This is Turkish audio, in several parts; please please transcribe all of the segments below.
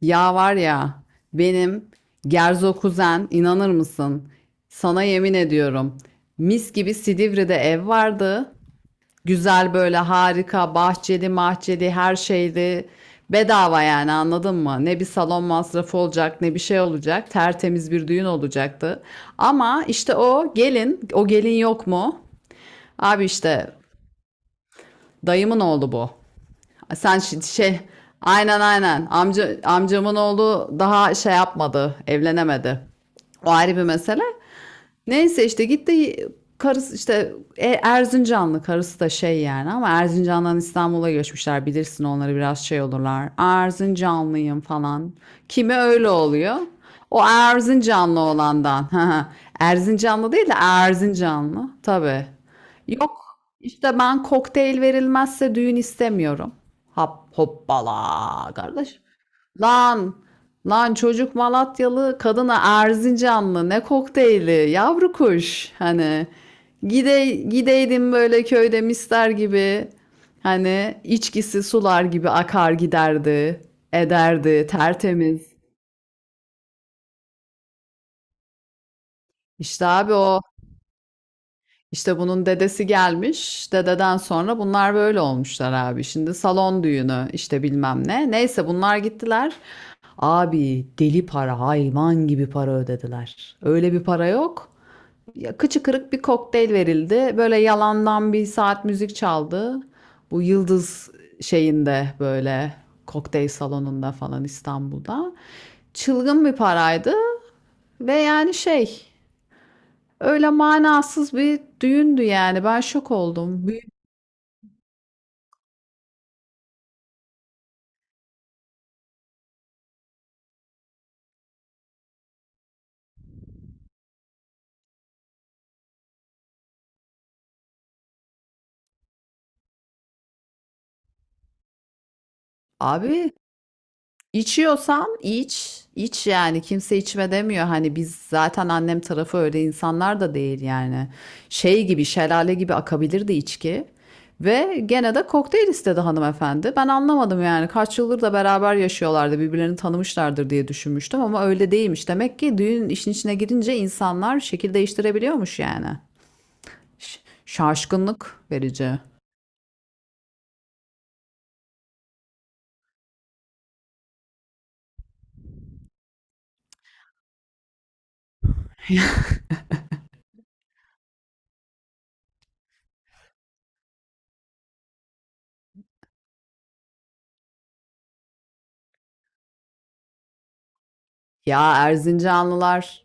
Ya var ya benim Gerzo kuzen inanır mısın? Sana yemin ediyorum. Mis gibi Silivri'de ev vardı. Güzel böyle harika bahçeli mahçeli her şeydi. Bedava yani anladın mı? Ne bir salon masrafı olacak ne bir şey olacak. Tertemiz bir düğün olacaktı. Ama işte o gelin yok mu? Abi işte dayımın oğlu bu. Sen şi- şey Aynen amcamın oğlu daha şey yapmadı, evlenemedi. O ayrı bir mesele. Neyse işte gitti, karısı, işte Erzincanlı karısı da şey yani, ama Erzincan'dan İstanbul'a göçmüşler, bilirsin, onları biraz şey olurlar. Erzincanlıyım falan. Kimi öyle oluyor? O Erzincanlı olandan. Erzincanlı değil de Erzincanlı tabii. Yok, işte ben kokteyl verilmezse düğün istemiyorum. Hop hoppala kardeş. Lan, lan çocuk Malatyalı, kadına Erzincanlı. Ne kokteyli, yavru kuş. Hani gide, gideydim böyle köyde mister gibi. Hani içkisi sular gibi akar giderdi, ederdi, tertemiz. İşte abi o. İşte bunun dedesi gelmiş. Dededen sonra bunlar böyle olmuşlar abi. Şimdi salon düğünü işte bilmem ne. Neyse bunlar gittiler. Abi deli para, hayvan gibi para ödediler. Öyle bir para yok. Ya, kıçı kırık bir kokteyl verildi. Böyle yalandan bir saat müzik çaldı. Bu Yıldız şeyinde böyle kokteyl salonunda falan İstanbul'da. Çılgın bir paraydı ve yani şey öyle manasız bir düğündü yani. Ben şok oldum. Abi içiyorsan iç, iç yani. Kimse içme demiyor. Hani biz zaten annem tarafı öyle insanlar da değil yani. Şey gibi, şelale gibi akabilirdi içki. Ve gene de kokteyl istedi hanımefendi. Ben anlamadım yani. Kaç yıldır da beraber yaşıyorlardı. Birbirlerini tanımışlardır diye düşünmüştüm ama öyle değilmiş. Demek ki düğün işin içine girince insanlar şekil değiştirebiliyormuş yani. Ş- Şaşkınlık verici. Ya Erzincanlılar,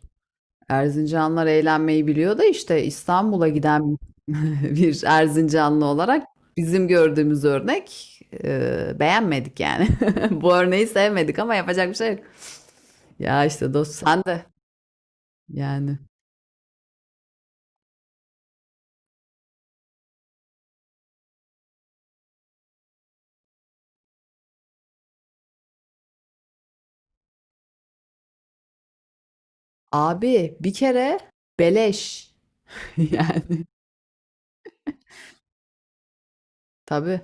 Erzincanlılar eğlenmeyi biliyor da işte İstanbul'a giden bir Erzincanlı olarak bizim gördüğümüz örnek, beğenmedik yani. Bu örneği sevmedik ama yapacak bir şey yok. Ya işte dost sen de yani. Abi bir kere beleş yani tabii.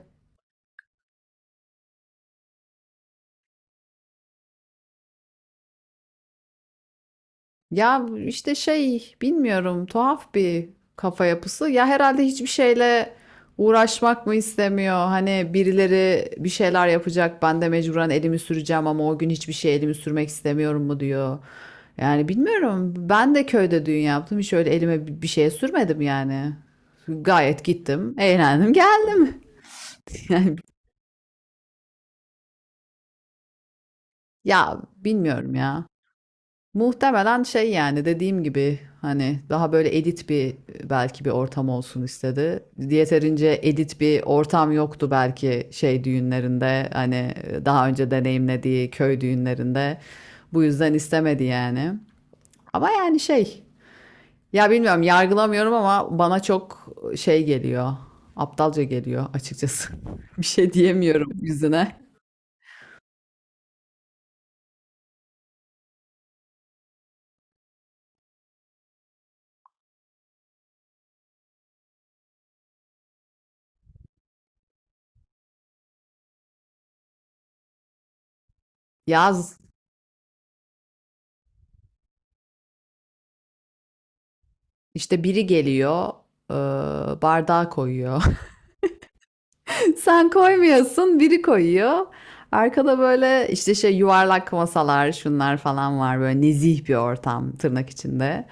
Ya işte şey bilmiyorum, tuhaf bir kafa yapısı. Ya herhalde hiçbir şeyle uğraşmak mı istemiyor? Hani birileri bir şeyler yapacak, ben de mecburen elimi süreceğim ama o gün hiçbir şey elimi sürmek istemiyorum mu diyor. Yani bilmiyorum, ben de köyde düğün yaptım, hiç öyle elime bir şeye sürmedim yani. Gayet gittim, eğlendim, geldim. Yani, ya bilmiyorum ya. Muhtemelen şey yani dediğim gibi, hani daha böyle edit bir, belki bir ortam olsun istedi. Yeterince edit bir ortam yoktu belki şey düğünlerinde, hani daha önce deneyimlediği köy düğünlerinde. Bu yüzden istemedi yani. Ama yani şey, ya bilmiyorum, yargılamıyorum ama bana çok şey geliyor. Aptalca geliyor açıkçası. Bir şey diyemiyorum yüzüne. Yaz işte biri geliyor, e, bardağı koyuyor. Sen koymuyorsun, biri koyuyor. Arkada böyle işte şey yuvarlak masalar, şunlar falan var. Böyle nezih bir ortam, tırnak içinde.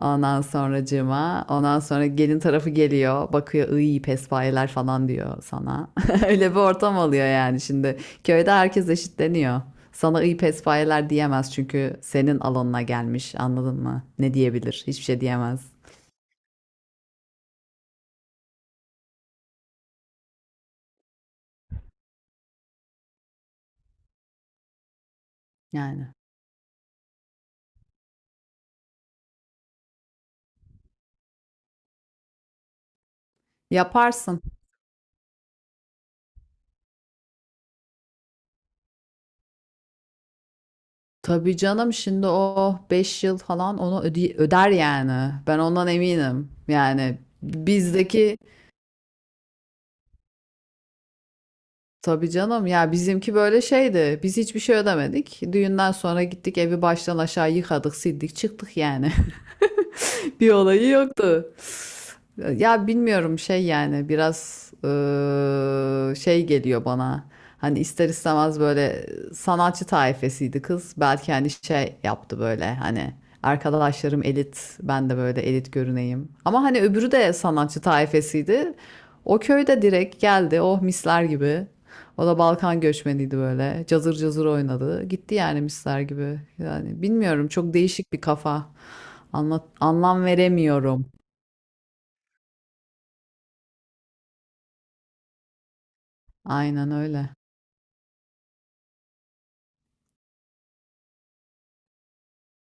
Ondan sonracığıma, ondan sonra gelin tarafı geliyor, bakıyor, iyi pespayeler falan diyor sana. Öyle bir ortam oluyor yani şimdi. Köyde herkes eşitleniyor. Sana iyi pespayeler diyemez çünkü senin alanına gelmiş, anladın mı? Ne diyebilir? Hiçbir şey diyemez. Yani yaparsın. Tabii canım, şimdi o 5 yıl falan onu öder yani. Ben ondan eminim. Yani bizdeki, tabii canım, ya bizimki böyle şeydi. Biz hiçbir şey ödemedik. Düğünden sonra gittik, evi baştan aşağı yıkadık, sildik, çıktık yani. Bir olayı yoktu. Ya bilmiyorum şey yani biraz şey geliyor bana. Hani ister istemez böyle sanatçı tayfesiydi kız. Belki hani şey yaptı, böyle hani, arkadaşlarım elit, ben de böyle elit görüneyim. Ama hani öbürü de sanatçı tayfesiydi. O köyde direkt geldi, oh misler gibi. O da Balkan göçmeniydi böyle. Cazır cazır oynadı. Gitti yani misler gibi. Yani bilmiyorum, çok değişik bir kafa. Anlat, anlam veremiyorum. Aynen öyle.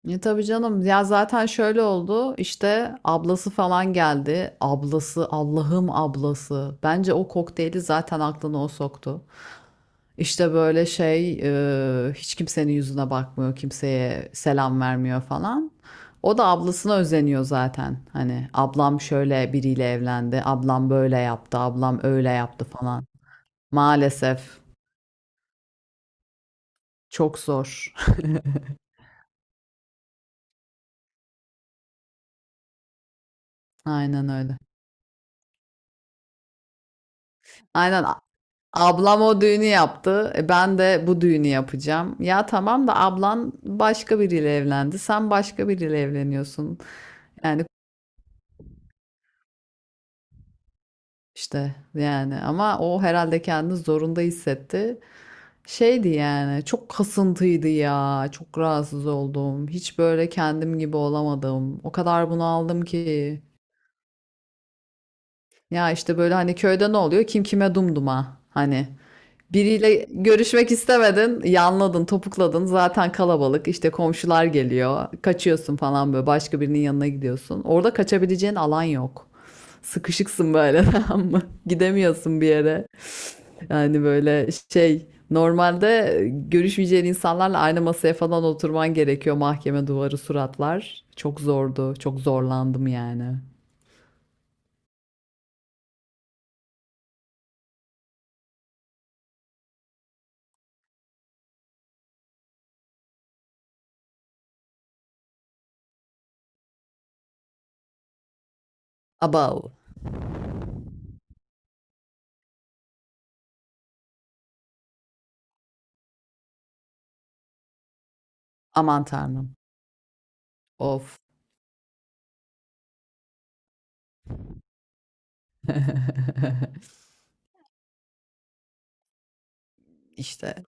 E tabii canım, ya zaten şöyle oldu işte, ablası falan geldi. Ablası, Allah'ım ablası. Bence o kokteyli zaten aklına o soktu. İşte böyle şey, hiç kimsenin yüzüne bakmıyor, kimseye selam vermiyor falan. O da ablasına özeniyor zaten. Hani ablam şöyle biriyle evlendi, ablam böyle yaptı, ablam öyle yaptı falan. Maalesef çok zor. Aynen öyle. Aynen ablam o düğünü yaptı, e ben de bu düğünü yapacağım. Ya tamam da ablan başka biriyle evlendi. Sen başka biriyle evleniyorsun. Yani işte yani ama o herhalde kendini zorunda hissetti. Şeydi yani çok kasıntıydı ya. Çok rahatsız oldum. Hiç böyle kendim gibi olamadım. O kadar bunaldım ki. Ya işte böyle hani köyde ne oluyor? Kim kime dumduma. Hani biriyle görüşmek istemedin, yanladın, topukladın. Zaten kalabalık, işte komşular geliyor. Kaçıyorsun falan böyle. Başka birinin yanına gidiyorsun. Orada kaçabileceğin alan yok. Sıkışıksın böyle, tamam mı? Gidemiyorsun bir yere. Yani böyle şey, normalde görüşmeyeceğin insanlarla aynı masaya falan oturman gerekiyor. Mahkeme duvarı suratlar. Çok zordu. Çok zorlandım yani. Abav. Aman tanrım. Of. İşte.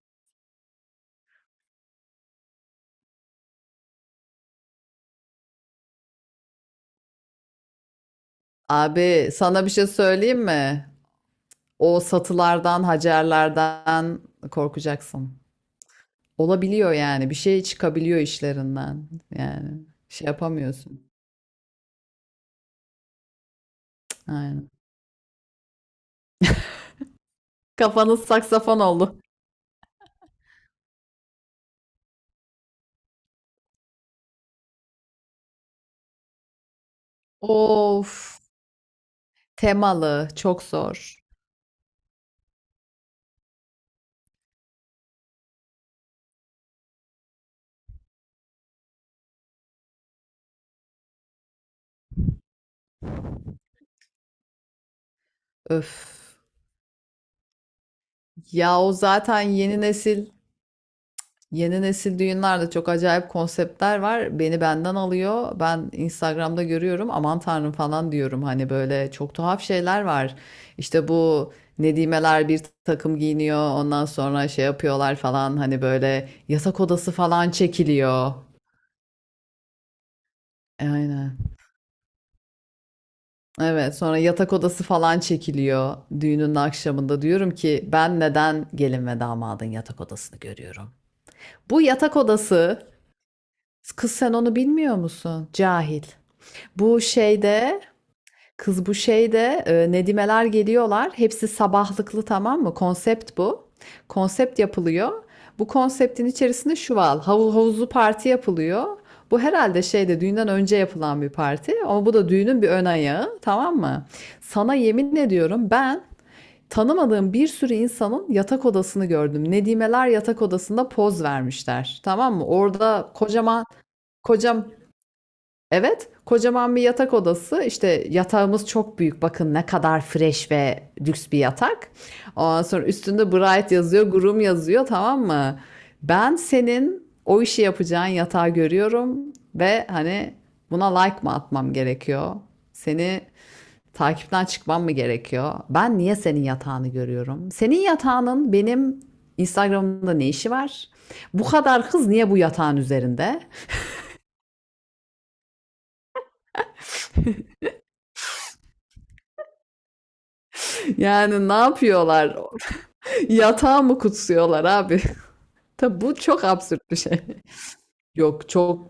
Abi sana bir şey söyleyeyim mi? O satılardan, hacerlerden korkacaksın. Olabiliyor yani. Bir şey çıkabiliyor işlerinden. Yani bir şey yapamıyorsun. Aynen. Kafanız saksafon oldu. Of. Temalı. Çok zor. Öf. Ya o zaten yeni nesil. Yeni nesil düğünlerde çok acayip konseptler var. Beni benden alıyor. Ben Instagram'da görüyorum. Aman tanrım falan diyorum. Hani böyle çok tuhaf şeyler var. İşte bu nedimeler bir takım giyiniyor. Ondan sonra şey yapıyorlar falan. Hani böyle yatak odası falan çekiliyor. E, aynen. Evet, sonra yatak odası falan çekiliyor düğünün akşamında. Diyorum ki ben neden gelin ve damadın yatak odasını görüyorum? Bu yatak odası, kız sen onu bilmiyor musun? Cahil. Bu şeyde, kız bu şeyde, nedimeler geliyorlar. Hepsi sabahlıklı, tamam mı? Konsept bu. Konsept yapılıyor. Bu konseptin içerisinde şu var. Havuz, havuzlu parti yapılıyor. Bu herhalde şeyde düğünden önce yapılan bir parti ama bu da düğünün bir ön ayağı, tamam mı? Sana yemin ediyorum ben tanımadığım bir sürü insanın yatak odasını gördüm. Nedimeler yatak odasında poz vermişler, tamam mı? Orada kocaman kocam Evet, kocaman bir yatak odası. İşte yatağımız çok büyük. Bakın ne kadar fresh ve lüks bir yatak. Ondan sonra üstünde Bright yazıyor, Groom yazıyor, tamam mı? Ben senin o işi yapacağın yatağı görüyorum ve hani buna like mı atmam gerekiyor? Seni takipten çıkmam mı gerekiyor? Ben niye senin yatağını görüyorum? Senin yatağının benim Instagram'da ne işi var? Bu kadar kız niye bu yatağın üzerinde? Yani ne yapıyorlar? Yatağı mı kutsuyorlar abi? Tabi bu çok absürt bir şey. Yok, çok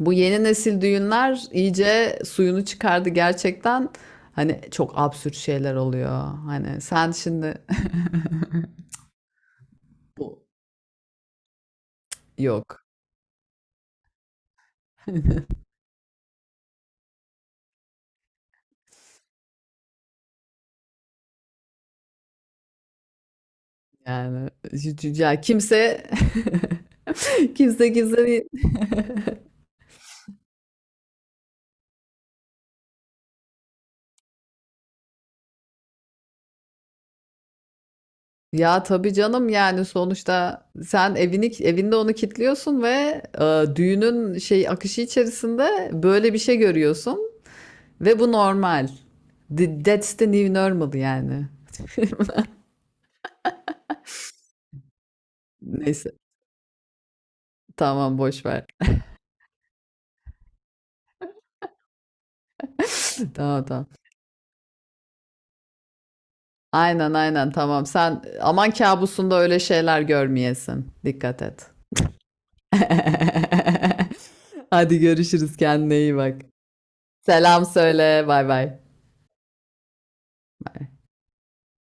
bu yeni nesil düğünler iyice suyunu çıkardı gerçekten. Hani çok absürt şeyler oluyor. Hani sen şimdi Bu- yok. Yani ya kimse kimse değil. Ya tabii canım yani sonuçta sen evini, evinde onu kilitliyorsun ve düğünün şey akışı içerisinde böyle bir şey görüyorsun. Ve bu normal. That's the new normal yani. Neyse. Tamam, boş ver. Tamam. Aynen, tamam. Sen aman kabusunda öyle şeyler görmeyesin. Dikkat et. Hadi görüşürüz. Kendine iyi bak. Selam söyle. Bay bay. Bay.